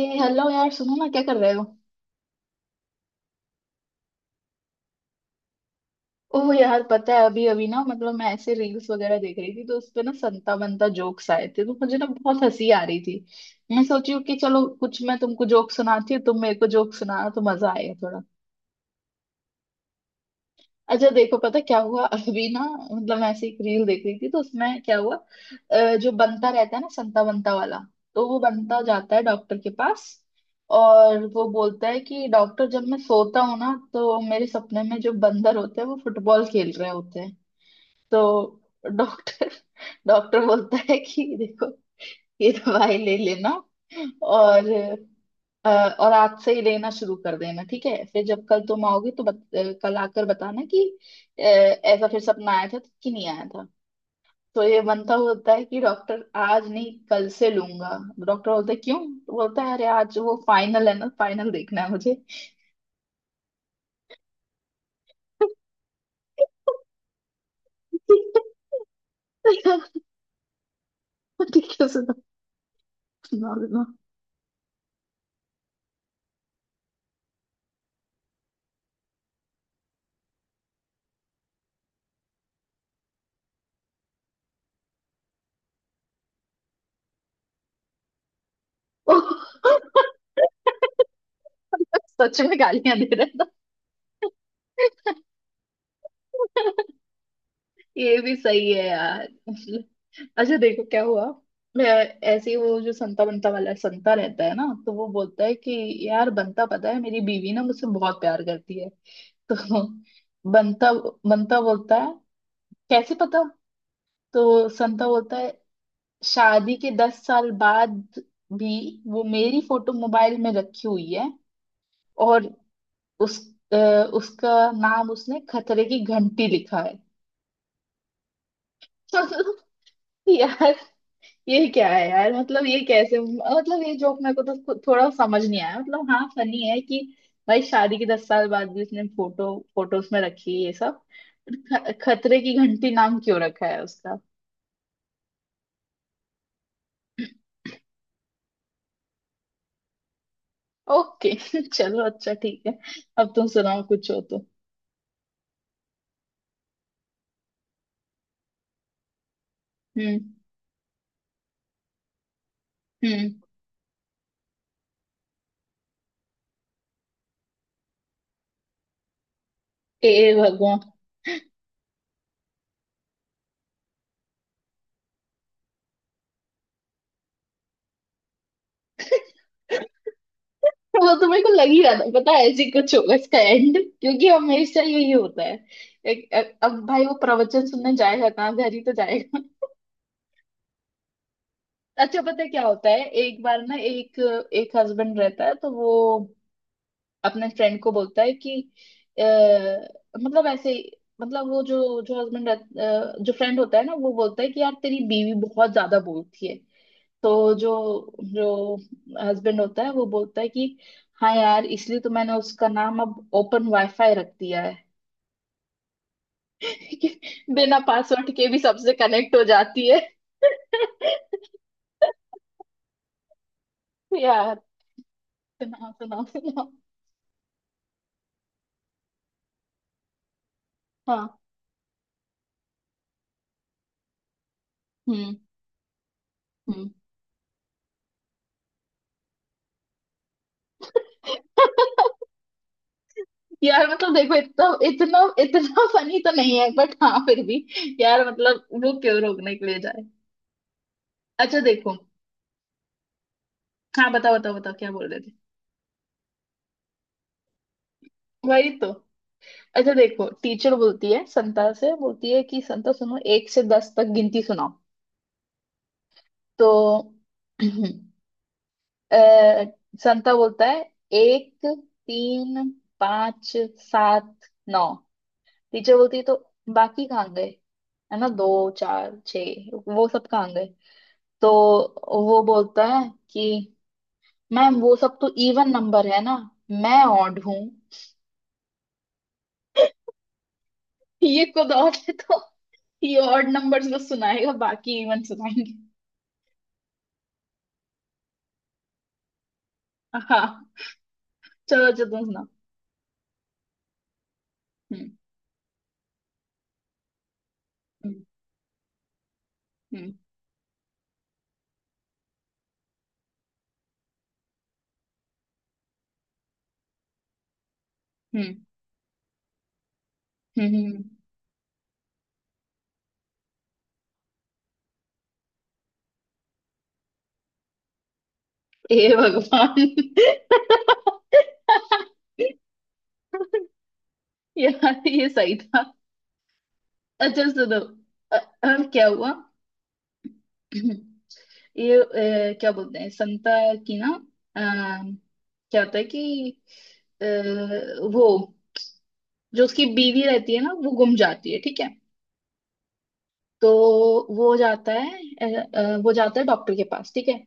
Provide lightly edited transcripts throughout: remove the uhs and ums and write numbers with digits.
ए hello यार, सुनो ना, क्या कर रहे हो। ओह यार, पता है अभी अभी ना, मतलब मैं ऐसे रील्स वगैरह देख रही थी तो उस पे ना संता बंता जोक्स आए थे तो मुझे ना बहुत हंसी आ रही थी। मैं सोची हूँ कि चलो, कुछ मैं तुमको जोक सुनाती हूँ, तुम मेरे को जोक सुनाना, तो मजा आएगा। अच्छा देखो, पता क्या हुआ अभी ना। मतलब मैं ऐसे एक रील देख रही थी तो उसमें क्या हुआ। जो बनता रहता है ना, संता बनता वाला। तो वो बनता जाता है डॉक्टर के पास। और वो बोलता है कि डॉक्टर, जब मैं सोता हूँ ना तो मेरे सपने में जो बंदर होते हैं वो फुटबॉल खेल रहे होते हैं। तो डॉक्टर डॉक्टर बोलता है कि देखो, ये दवाई ले लेना। और अ, और आज से ही लेना शुरू कर देना, ठीक है। फिर जब कल तुम आओगे तो कल आकर बताना कि ऐसा फिर सपना आया था तो कि नहीं आया था। तो ये बनता होता है कि डॉक्टर, आज नहीं कल से लूंगा। डॉक्टर बोलता है क्यों। तो बोलता है अरे आज वो फाइनल है ना, फाइनल देखना है मुझे। ठीक है, उसे मत सुना देना। सच में गालियां दे रहा था। ये भी सही है यार। अच्छा देखो क्या हुआ। मैं ऐसे ही वो जो संता बनता वाला संता रहता है ना, तो वो बोलता है कि यार बंता, पता है मेरी बीवी ना मुझसे बहुत प्यार करती है। तो बंता बंता बोलता है कैसे पता। तो संता बोलता है शादी के 10 साल बाद भी वो मेरी फोटो मोबाइल में रखी हुई है। और उस अ, उसका नाम उसने खतरे की घंटी लिखा है। यार, ये क्या है यार, मतलब ये कैसे, मतलब ये जोक मेरे को तो थोड़ा समझ नहीं आया। मतलब हाँ फनी है कि भाई शादी के 10 साल बाद भी उसने फोटोज में रखी है ये सब। खतरे की घंटी नाम क्यों रखा है उसका। ओके। चलो अच्छा ठीक है, अब तुम सुनाओ कुछ हो तो। हम्म। हम्म। ए भगवान। वो तो मेरे को लग ही रहा था, पता है ऐसे ही कुछ होगा इसका एंड, क्योंकि हमेशा यही होता है। अब भाई वो प्रवचन सुनने जाएगा कहाँ, घर ही तो जाएगा। अच्छा पता है क्या होता है, एक बार ना, एक एक हस्बैंड रहता है तो वो अपने फ्रेंड को बोलता है कि अ, मतलब मतलब वो जो जो हस्बैंड जो फ्रेंड होता है ना वो बोलता है कि यार तेरी बीवी बहुत ज्यादा बोलती है। तो जो जो हस्बैंड होता है वो बोलता है कि हाँ यार, इसलिए तो मैंने उसका नाम अब ओपन वाईफाई रख दिया है। कि बिना पासवर्ड के भी सबसे कनेक्ट हो जाती है। यार। सुनाओ सुनाओ सुनाओ। हाँ। हम्म। हम्म। यार मतलब देखो, इतना इतना इतना फनी तो नहीं है, बट हाँ फिर भी। यार मतलब वो क्यों रोकने के लिए जाए। अच्छा देखो। हाँ बताओ बताओ बताओ क्या बोल रहे थे। वही तो। अच्छा देखो टीचर बोलती है, संता से बोलती है कि संता सुनो, एक से 10 तक गिनती सुनाओ। तो अ, संता बोलता है एक, तीन, पाँच, सात, नौ। टीचर बोलती है तो बाकी कहाँ गए, है ना, दो, चार, छः वो सब कहाँ गए। तो वो बोलता है कि मैम वो सब तो इवन नंबर है ना, मैं ऑड हूं। ये खुद ऑड है तो ये ऑड नंबर्स को सुनाएगा, बाकी इवन सुनाएंगे। हाँ चलो अच्छा, तुम सुनाओ। हम्म। हम्म। हम्म। हम्म। हम्म। हे भगवान। यार ये सही था। अच्छा सुनो। अ- अब क्या हुआ। ये क्या बोलते हैं संता की ना, अ, क्या होता है कि अ, वो जो उसकी बीवी रहती है ना, वो गुम जाती है, ठीक है। तो वो जाता है अ, वो जाता है डॉक्टर के पास, ठीक है।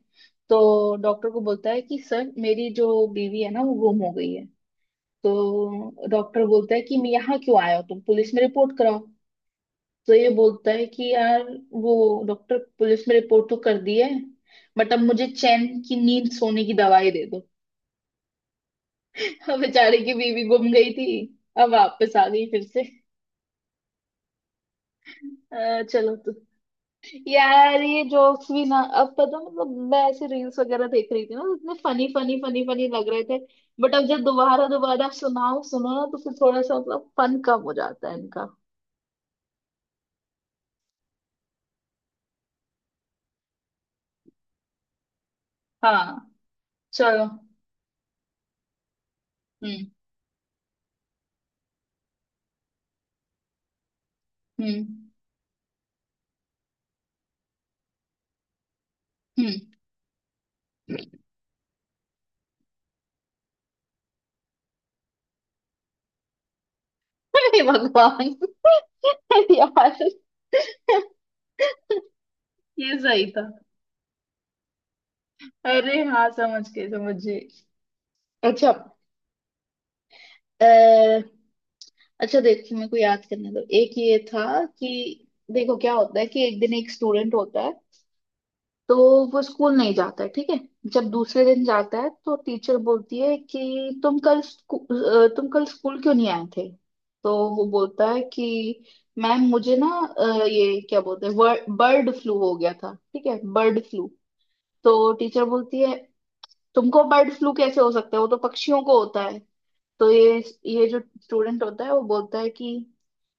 तो डॉक्टर को बोलता है कि सर मेरी जो बीवी है ना वो गुम हो गई है। तो डॉक्टर बोलता है कि मैं यहाँ क्यों आया हो तुम, पुलिस में रिपोर्ट कराओ। तो ये बोलता है कि यार वो डॉक्टर, पुलिस में रिपोर्ट तो कर दी है, बट अब मुझे चैन की नींद सोने की दवाई दे दो। अब बेचारे की बीवी गुम गई थी, अब वापस आ गई फिर से। चलो तो। यार ये जोक्स भी ना, अब पता मतलब मैं ऐसे रील्स वगैरह देख रही थी ना तो इतने फनी फनी फनी फनी लग रहे थे। बट अब जब दोबारा दोबारा सुनाओ सुनो ना तो फिर थोड़ा सा मतलब फन कम हो जाता है इनका। हाँ चलो। हम्म। हम्म। हम्म। हे भगवान। यार ये सही था। अरे हाँ समझ गए समझ गए। अच्छा। अः अच्छा देखो मेरे को याद करने दो, एक ये था कि देखो क्या होता है कि एक दिन एक स्टूडेंट होता है तो वो स्कूल नहीं जाता है, ठीक है। जब दूसरे दिन जाता है तो टीचर बोलती है कि तुम कल स्कूल क्यों नहीं आए थे। तो वो बोलता है कि मैम मुझे ना ये क्या बोलते हैं बर्ड फ्लू हो गया था, ठीक है बर्ड फ्लू। तो टीचर बोलती है तुमको बर्ड फ्लू कैसे हो सकता है, वो तो पक्षियों को होता है। तो ये जो स्टूडेंट होता है वो बोलता है कि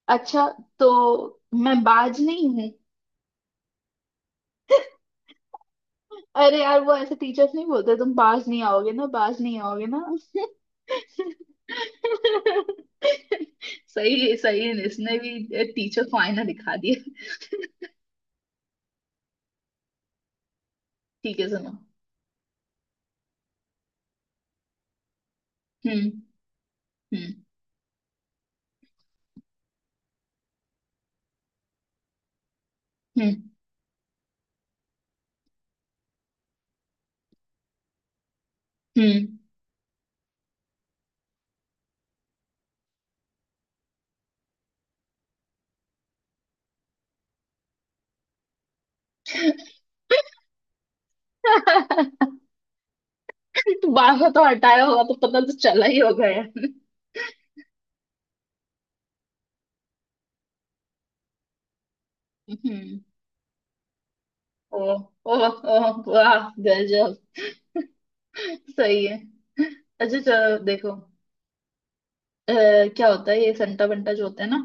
अच्छा तो मैं बाज नहीं हूँ। अरे यार वो ऐसे टीचर्स नहीं बोलते, तुम बाज नहीं आओगे ना, बाज नहीं आओगे ना। सही है सही है, इसने भी टीचर को आईना दिखा दिया। ठीक है सुनो। हम्म। हम्म। हम्म। हम्म। 12 तो हटाया होगा तो पता तो चला ही होगा यार। हम्म। ओ। ओ। ओ। वाह गजब, सही है। अच्छा चलो देखो अ, क्या होता है, ये संता बंटा जो होता है ना,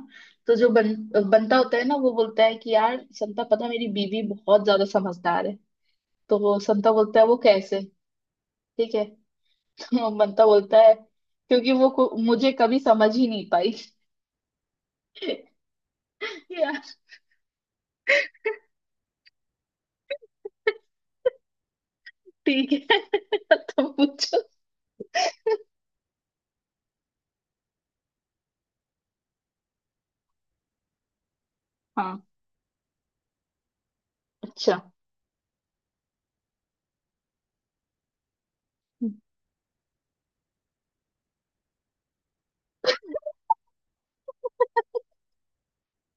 तो जो बंटा होता है ना वो बोलता है कि यार संता, पता है, मेरी बीवी बहुत ज्यादा समझदार है। तो वो संता बोलता है वो कैसे, ठीक है। तो बंटा बोलता है क्योंकि वो मुझे कभी समझ ही नहीं पाई। यार ठीक है, तो पूछो। हाँ। अच्छा।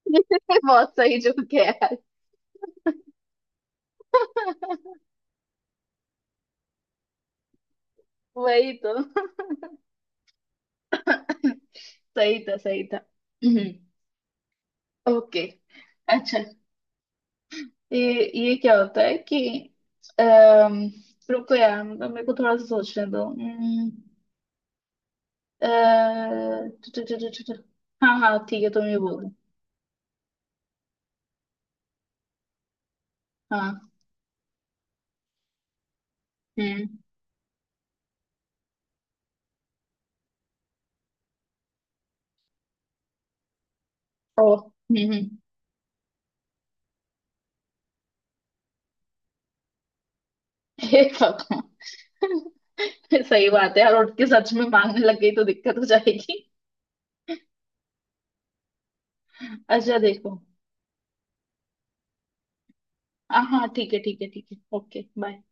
बहुत सही जो है यार, वही तो। सही था सही था। ओके। अच्छा ये क्या होता है कि अम, रुको यार, मतलब मेरे को थोड़ा सा सोचने दो। अ, टु- टु- टु- टु- टु- टु- हाँ हाँ ठीक है, तुम ये बोलो। हाँ। हम्म। ओ। हम्म। हम्म। हे भगवान, सही बात है यार, उठ के सच में मांगने लग गई तो दिक्कत हो जाएगी। अच्छा देखो। हाँ हाँ ठीक है ठीक है ठीक है, ओके बाय।